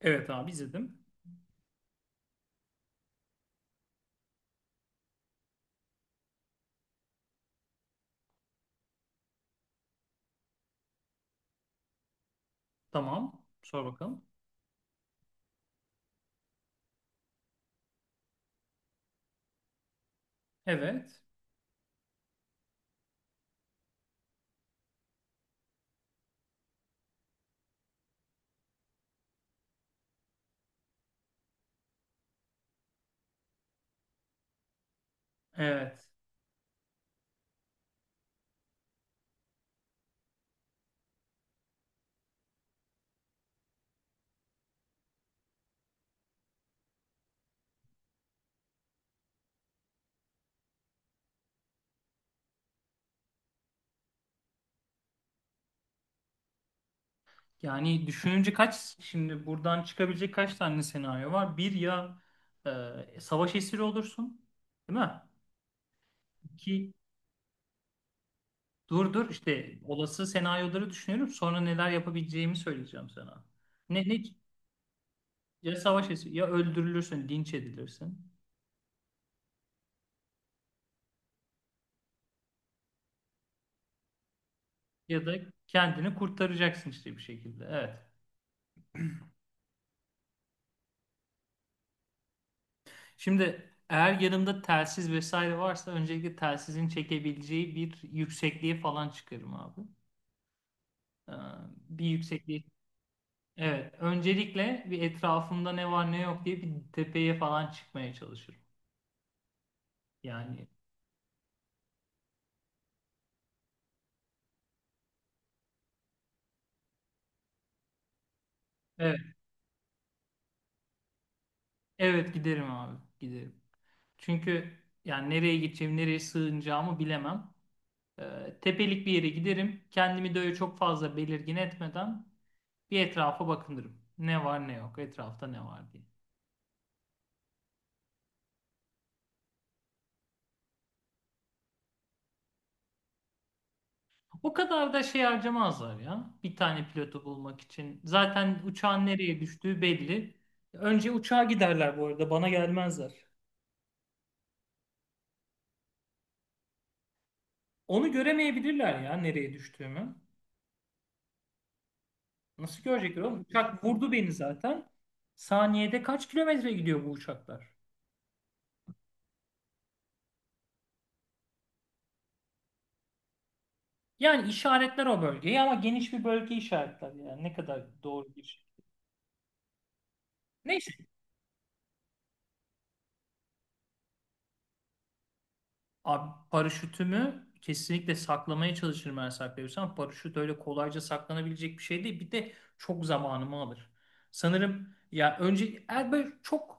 Evet abi izledim. Tamam. Sor bakalım. Evet. Evet. Yani düşününce kaç şimdi buradan çıkabilecek kaç tane senaryo var? Bir, ya savaş esiri olursun. Değil mi? İki, dur dur, işte olası senaryoları düşünüyorum. Sonra neler yapabileceğimi söyleyeceğim sana. Ne, ya savaş esiri ya öldürülürsün, linç edilirsin ya da kendini kurtaracaksın işte bir şekilde. Evet. Şimdi eğer yanımda telsiz vesaire varsa öncelikle telsizin çekebileceği bir yüksekliğe falan çıkarım abi. Ee, bir yüksekliğe. Evet. Öncelikle bir etrafımda ne var ne yok diye bir tepeye falan çıkmaya çalışırım. Yani evet. Evet giderim abi. Giderim. Çünkü yani nereye gideceğim, nereye sığınacağımı bilemem. Tepelik bir yere giderim. Kendimi de öyle çok fazla belirgin etmeden bir etrafa bakınırım. Ne var ne yok, etrafta ne var diye. O kadar da şey harcamazlar ya. Bir tane pilotu bulmak için. Zaten uçağın nereye düştüğü belli. Önce uçağa giderler bu arada. Bana gelmezler. Onu göremeyebilirler ya nereye düştüğümü. Nasıl görecekler oğlum? Uçak vurdu beni zaten. Saniyede kaç kilometre gidiyor bu uçaklar? Yani işaretler o bölgeyi ama geniş bir bölge işaretler yani. Ne kadar doğru bir şey. Neyse. Abi paraşütümü kesinlikle saklamaya çalışırım eğer saklayabilirsem. Paraşüt öyle kolayca saklanabilecek bir şey değil. Bir de çok zamanımı alır. Sanırım ya önce eğer böyle çok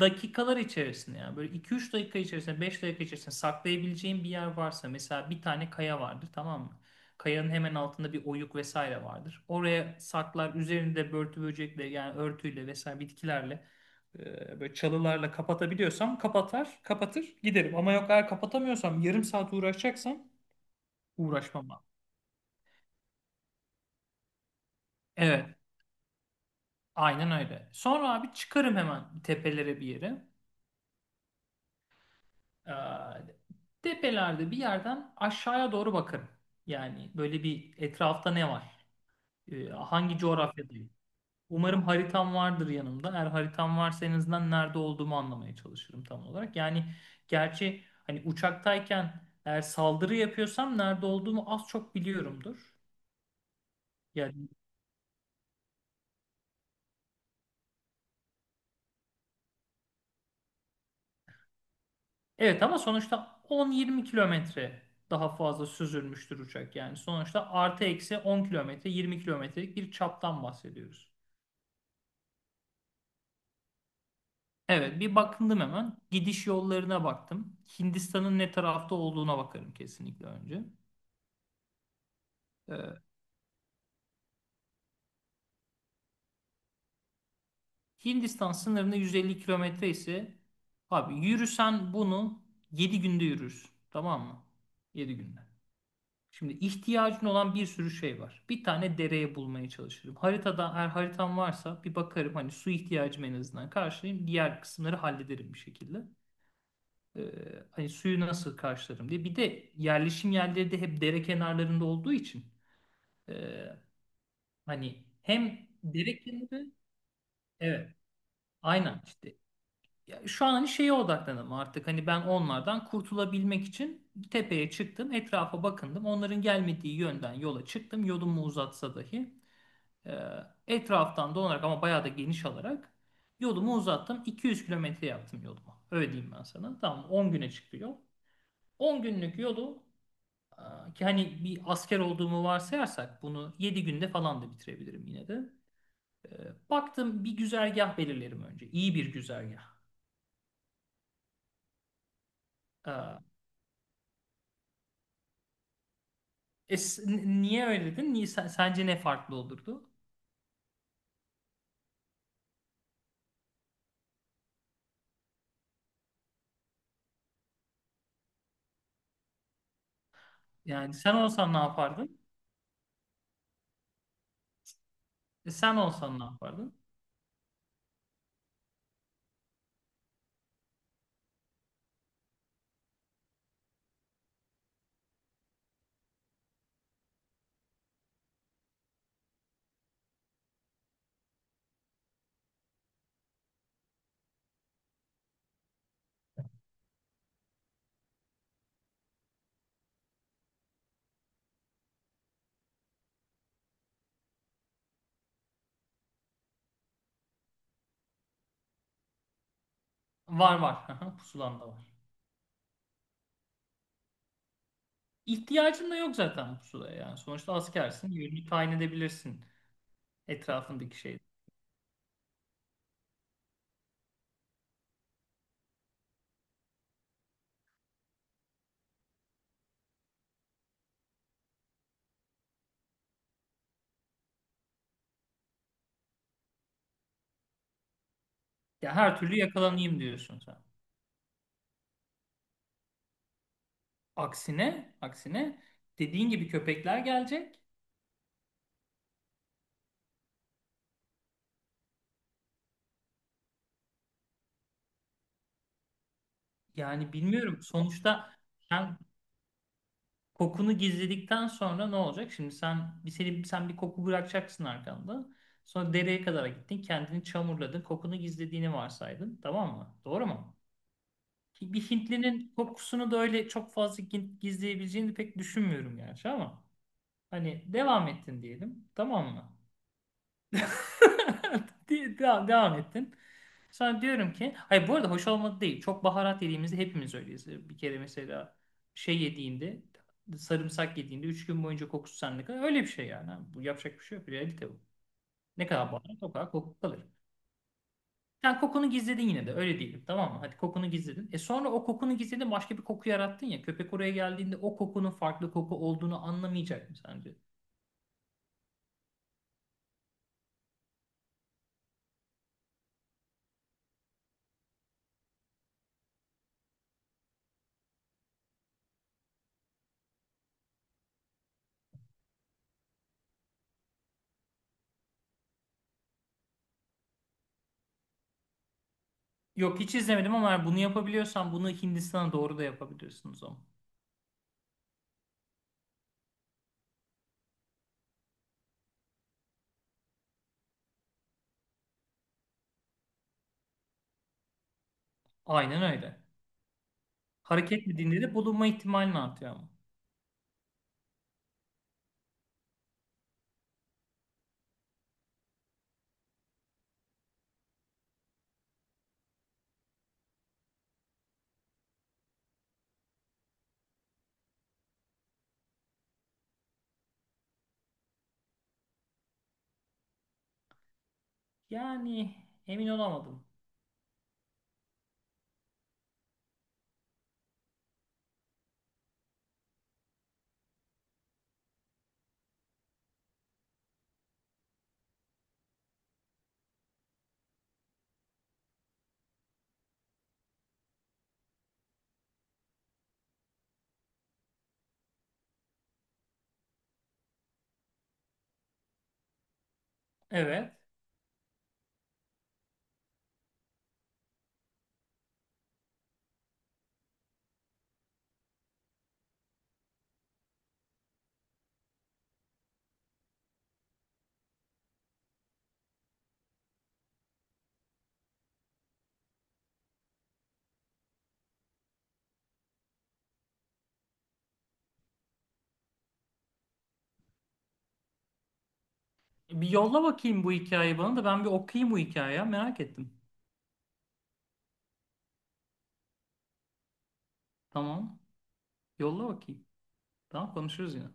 dakikalar içerisinde, yani böyle 2 3 dakika içerisinde, 5 dakika içerisinde saklayabileceğim bir yer varsa, mesela bir tane kaya vardır, tamam mı? Kayanın hemen altında bir oyuk vesaire vardır. Oraya saklar, üzerinde börtü böcekle yani örtüyle vesaire bitkilerle, böyle çalılarla kapatabiliyorsam kapatar, kapatır giderim. Ama yok, eğer kapatamıyorsam yarım saat uğraşacaksam uğraşmam abi. Evet, aynen öyle. Sonra abi çıkarım hemen tepelere bir yere. Ee, tepelerde bir yerden aşağıya doğru bakarım. Yani böyle, bir etrafta ne var? Hangi coğrafyadayım? Umarım haritam vardır yanımda. Eğer haritam varsa en azından nerede olduğumu anlamaya çalışırım tam olarak. Yani gerçi hani uçaktayken eğer saldırı yapıyorsam nerede olduğumu az çok biliyorumdur. Yani evet, ama sonuçta 10-20 kilometre daha fazla süzülmüştür uçak. Yani sonuçta artı eksi 10 kilometre, 20 kilometrelik bir çaptan bahsediyoruz. Evet, bir bakındım hemen. Gidiş yollarına baktım. Hindistan'ın ne tarafta olduğuna bakarım kesinlikle önce. Ee, Hindistan sınırında 150 kilometre ise abi, yürüsen bunu 7 günde yürürsün. Tamam mı? 7 günde. Şimdi ihtiyacın olan bir sürü şey var. Bir tane dereye bulmaya çalışırım. Haritada, eğer haritam varsa bir bakarım hani, su ihtiyacımı en azından karşılayayım. Diğer kısımları hallederim bir şekilde. Hani suyu nasıl karşılarım diye. Bir de yerleşim yerleri de hep dere kenarlarında olduğu için e, hani hem dere kenarı, evet, aynen işte. Ya şu an hani şeye odaklandım artık, hani ben onlardan kurtulabilmek için tepeye çıktım, etrafa bakındım, onların gelmediği yönden yola çıktım, yolumu uzatsa dahi e, etraftan dolanarak ama bayağı da geniş alarak yolumu uzattım, 200 kilometre yaptım yolumu, öyle diyeyim ben sana. Tamam, 10 güne çıktı yol, 10 günlük yolu, ki hani bir asker olduğumu varsayarsak bunu 7 günde falan da bitirebilirim yine de. E, Baktım, bir güzergah belirlerim önce, iyi bir güzergah. E, niye öyle dedin? Niye, sence ne farklı olurdu? Yani sen olsan ne yapardın? Sen olsan ne yapardın? Var var. Aha, pusulan da var. İhtiyacın da yok zaten bu pusulaya yani. Sonuçta askersin. Yönünü tayin edebilirsin etrafındaki şeyi. Ya her türlü yakalanayım diyorsun sen. Aksine, aksine dediğin gibi köpekler gelecek. Yani bilmiyorum. Sonuçta sen, kokunu gizledikten sonra ne olacak? Şimdi sen bir koku bırakacaksın arkanda. Sonra dereye kadar gittin, kendini çamurladın, kokunu gizlediğini varsaydın, tamam mı? Doğru mu? Ki bir Hintlinin kokusunu da öyle çok fazla gizleyebileceğini pek düşünmüyorum gerçi, ama hani devam ettin diyelim, tamam mı? Devam, devam ettin. Sonra diyorum ki, hayır, bu arada hoş olmadı değil. Çok baharat yediğimizde hepimiz öyleyiz. Bir kere mesela şey yediğinde, sarımsak yediğinde 3 gün boyunca kokusu sende kalır. Öyle bir şey yani. Bu, yapacak bir şey yok. Realite bu. Ne kadar baharat, o kadar koku kalır. Sen kokunu gizledin yine de, öyle diyelim, tamam mı? Hadi kokunu gizledin. E sonra, o kokunu gizledin, başka bir koku yarattın ya. Köpek oraya geldiğinde o kokunun farklı koku olduğunu anlamayacak mı sence? Yok, hiç izlemedim, ama eğer bunu yapabiliyorsan bunu Hindistan'a doğru da yapabiliyorsunuz ama. Aynen öyle. Hareket mi dinleri bulunma ihtimalini artıyor ama. Yani emin olamadım. Evet. Bir yolla bakayım bu hikayeyi, bana da, ben bir okuyayım bu hikayeyi ya. Merak ettim. Tamam. Yolla bakayım. Tamam, konuşuruz yine.